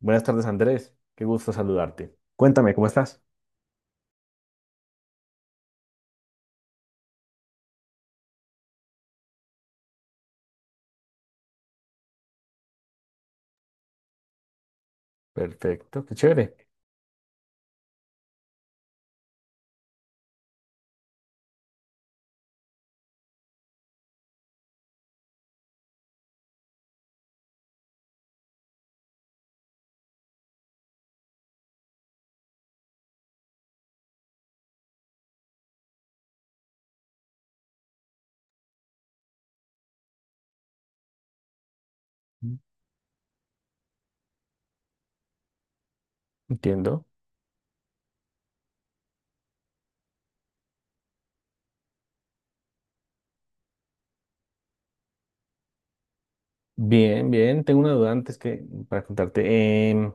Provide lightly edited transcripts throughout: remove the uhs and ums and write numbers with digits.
Buenas tardes, Andrés. Qué gusto saludarte. Cuéntame, ¿cómo estás? Perfecto, qué chévere. Entiendo. Bien, bien. Tengo una duda antes que para contarte.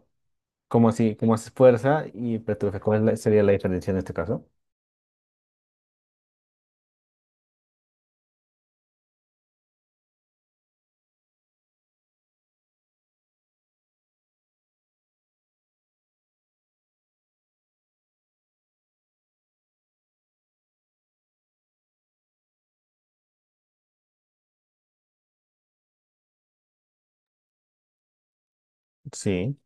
¿Cómo así? ¿Cómo haces fuerza y hipertrofia? ¿Sería la diferencia en este caso? Sí,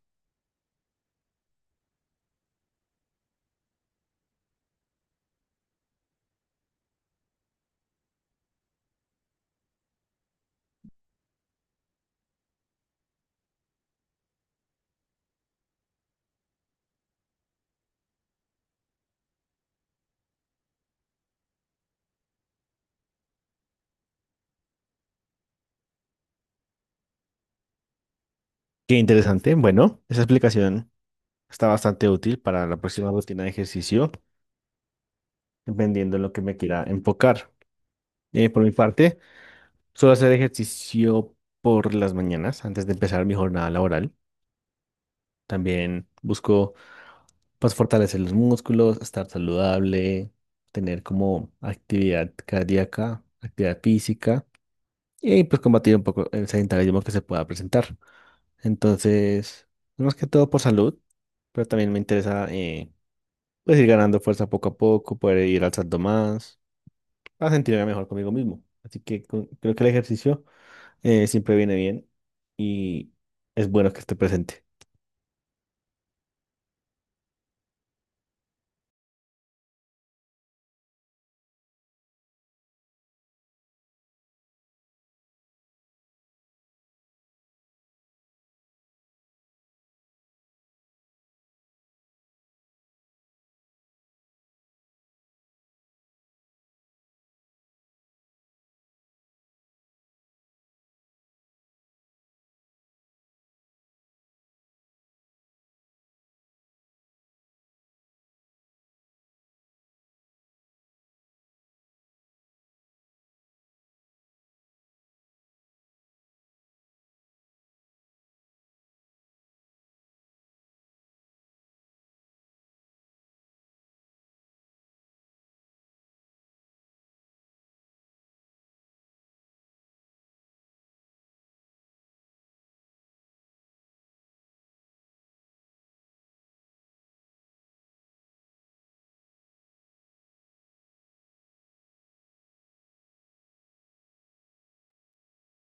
qué interesante. Bueno, esa explicación está bastante útil para la próxima rutina de ejercicio, dependiendo de lo que me quiera enfocar. Por mi parte, suelo hacer ejercicio por las mañanas antes de empezar mi jornada laboral. También busco pues fortalecer los músculos, estar saludable, tener como actividad cardíaca, actividad física y pues combatir un poco el sedentarismo que se pueda presentar. Entonces, más que todo por salud, pero también me interesa pues ir ganando fuerza poco a poco, poder ir alzando más, para sentirme mejor conmigo mismo. Así que creo que el ejercicio siempre viene bien y es bueno que esté presente.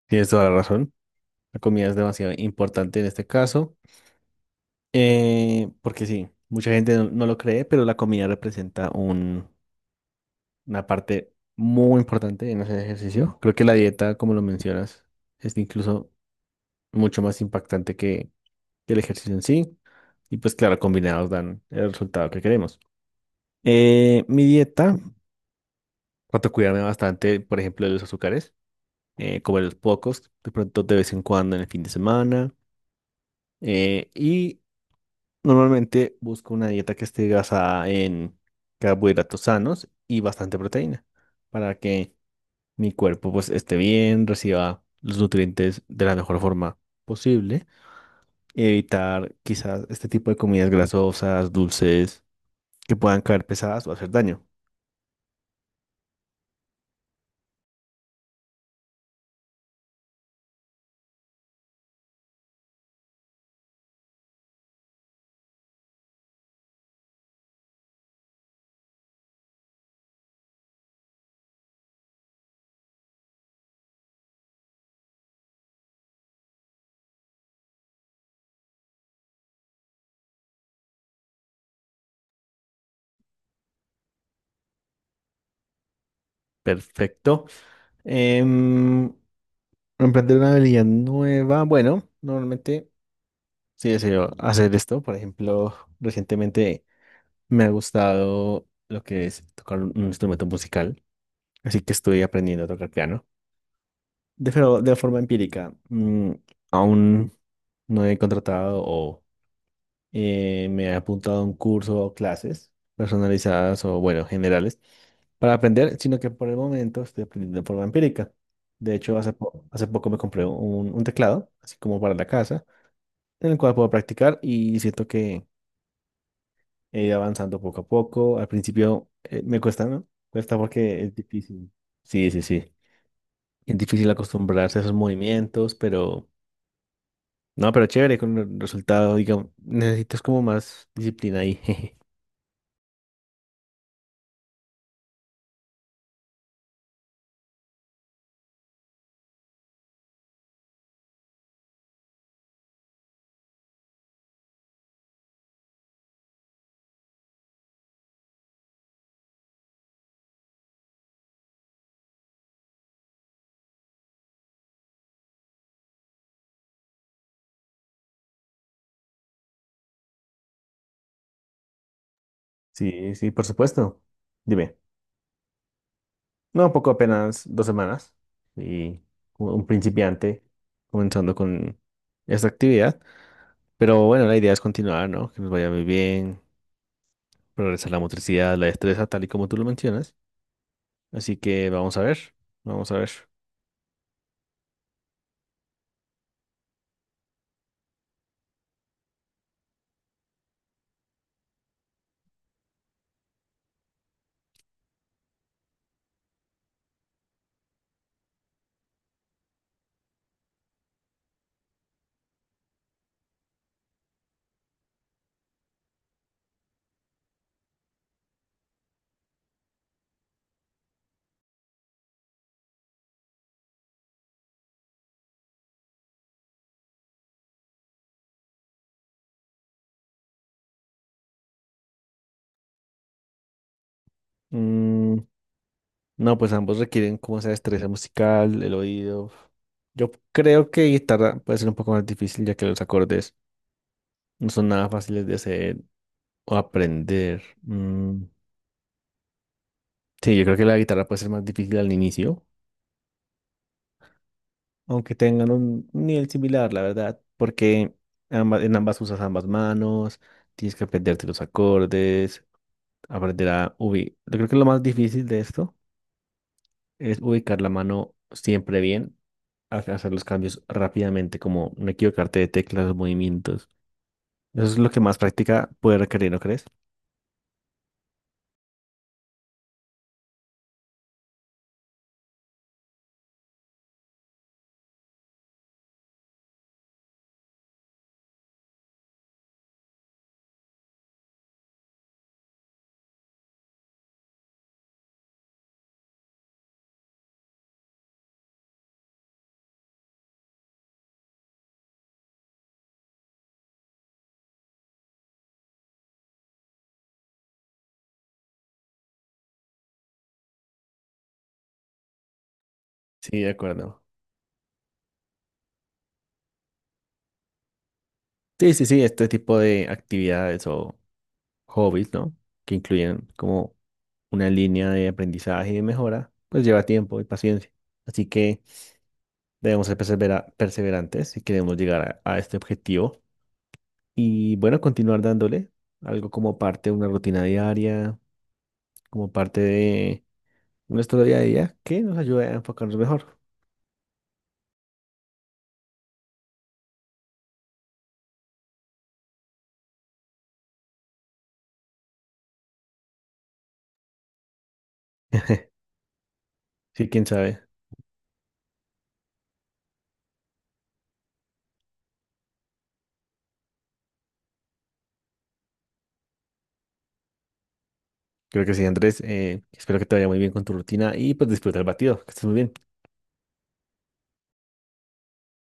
Tienes toda la razón. La comida es demasiado importante en este caso. Porque sí, mucha gente no lo cree, pero la comida representa una parte muy importante en hacer ejercicio. Creo que la dieta, como lo mencionas, es incluso mucho más impactante que el ejercicio en sí. Y pues claro, combinados dan el resultado que queremos. Mi dieta, trato de cuidarme bastante, por ejemplo, de los azúcares, comer los pocos, de pronto de vez en cuando en el fin de semana. eh, y Normalmente busco una dieta que esté basada en carbohidratos sanos y bastante proteína para que mi cuerpo pues esté bien, reciba los nutrientes de la mejor forma posible y evitar quizás este tipo de comidas grasosas, dulces, que puedan caer pesadas o hacer daño. Perfecto. Em, Emprender una habilidad nueva. Bueno, normalmente sí deseo hacer esto. Por ejemplo, recientemente me ha gustado lo que es tocar un instrumento musical, así que estoy aprendiendo a tocar piano. Pero de forma empírica. Aún no he contratado o me he apuntado a un curso o clases personalizadas o, bueno, generales para aprender, sino que por el momento estoy aprendiendo de forma empírica. De hecho, hace poco me compré un teclado, así como para la casa, en el cual puedo practicar y siento que he ido avanzando poco a poco. Al principio me cuesta, ¿no? Cuesta porque es difícil. Sí, sí, sí. Es difícil acostumbrarse a esos movimientos, pero... No, pero chévere con el resultado, digamos. Necesitas como más disciplina ahí. Jeje. Sí, sí, por supuesto. Dime. No, poco, apenas dos semanas. Y como un principiante comenzando con esta actividad. Pero bueno, la idea es continuar, ¿no? Que nos vaya muy bien, progresar la motricidad, la destreza, tal y como tú lo mencionas. Así que vamos a ver, vamos a ver. Mm, no, pues ambos requieren como esa destreza musical, el oído. Yo creo que guitarra puede ser un poco más difícil ya que los acordes no son nada fáciles de hacer o aprender. Mm, sí, yo creo que la guitarra puede ser más difícil al inicio, aunque tengan un nivel similar, la verdad, porque ambas, en ambas usas ambas manos, tienes que aprenderte los acordes, aprender a ubicar. Yo creo que lo más difícil de esto es ubicar la mano siempre bien, hacer los cambios rápidamente, como no equivocarte de teclas, movimientos. Eso es lo que más práctica puede requerir, ¿no crees? Sí, de acuerdo. Sí, sí, sí, este tipo de actividades o hobbies, ¿no? Que incluyen como una línea de aprendizaje y de mejora, pues lleva tiempo y paciencia. Así que debemos ser perseverantes si queremos llegar a este objetivo. Y bueno, continuar dándole algo como parte de una rutina diaria, como parte nuestra día a día que nos ayude a enfocarnos mejor. Sí, quién sabe. Creo que sí, Andrés. Espero que te vaya muy bien con tu rutina y pues disfruta el batido. Que estés muy bien.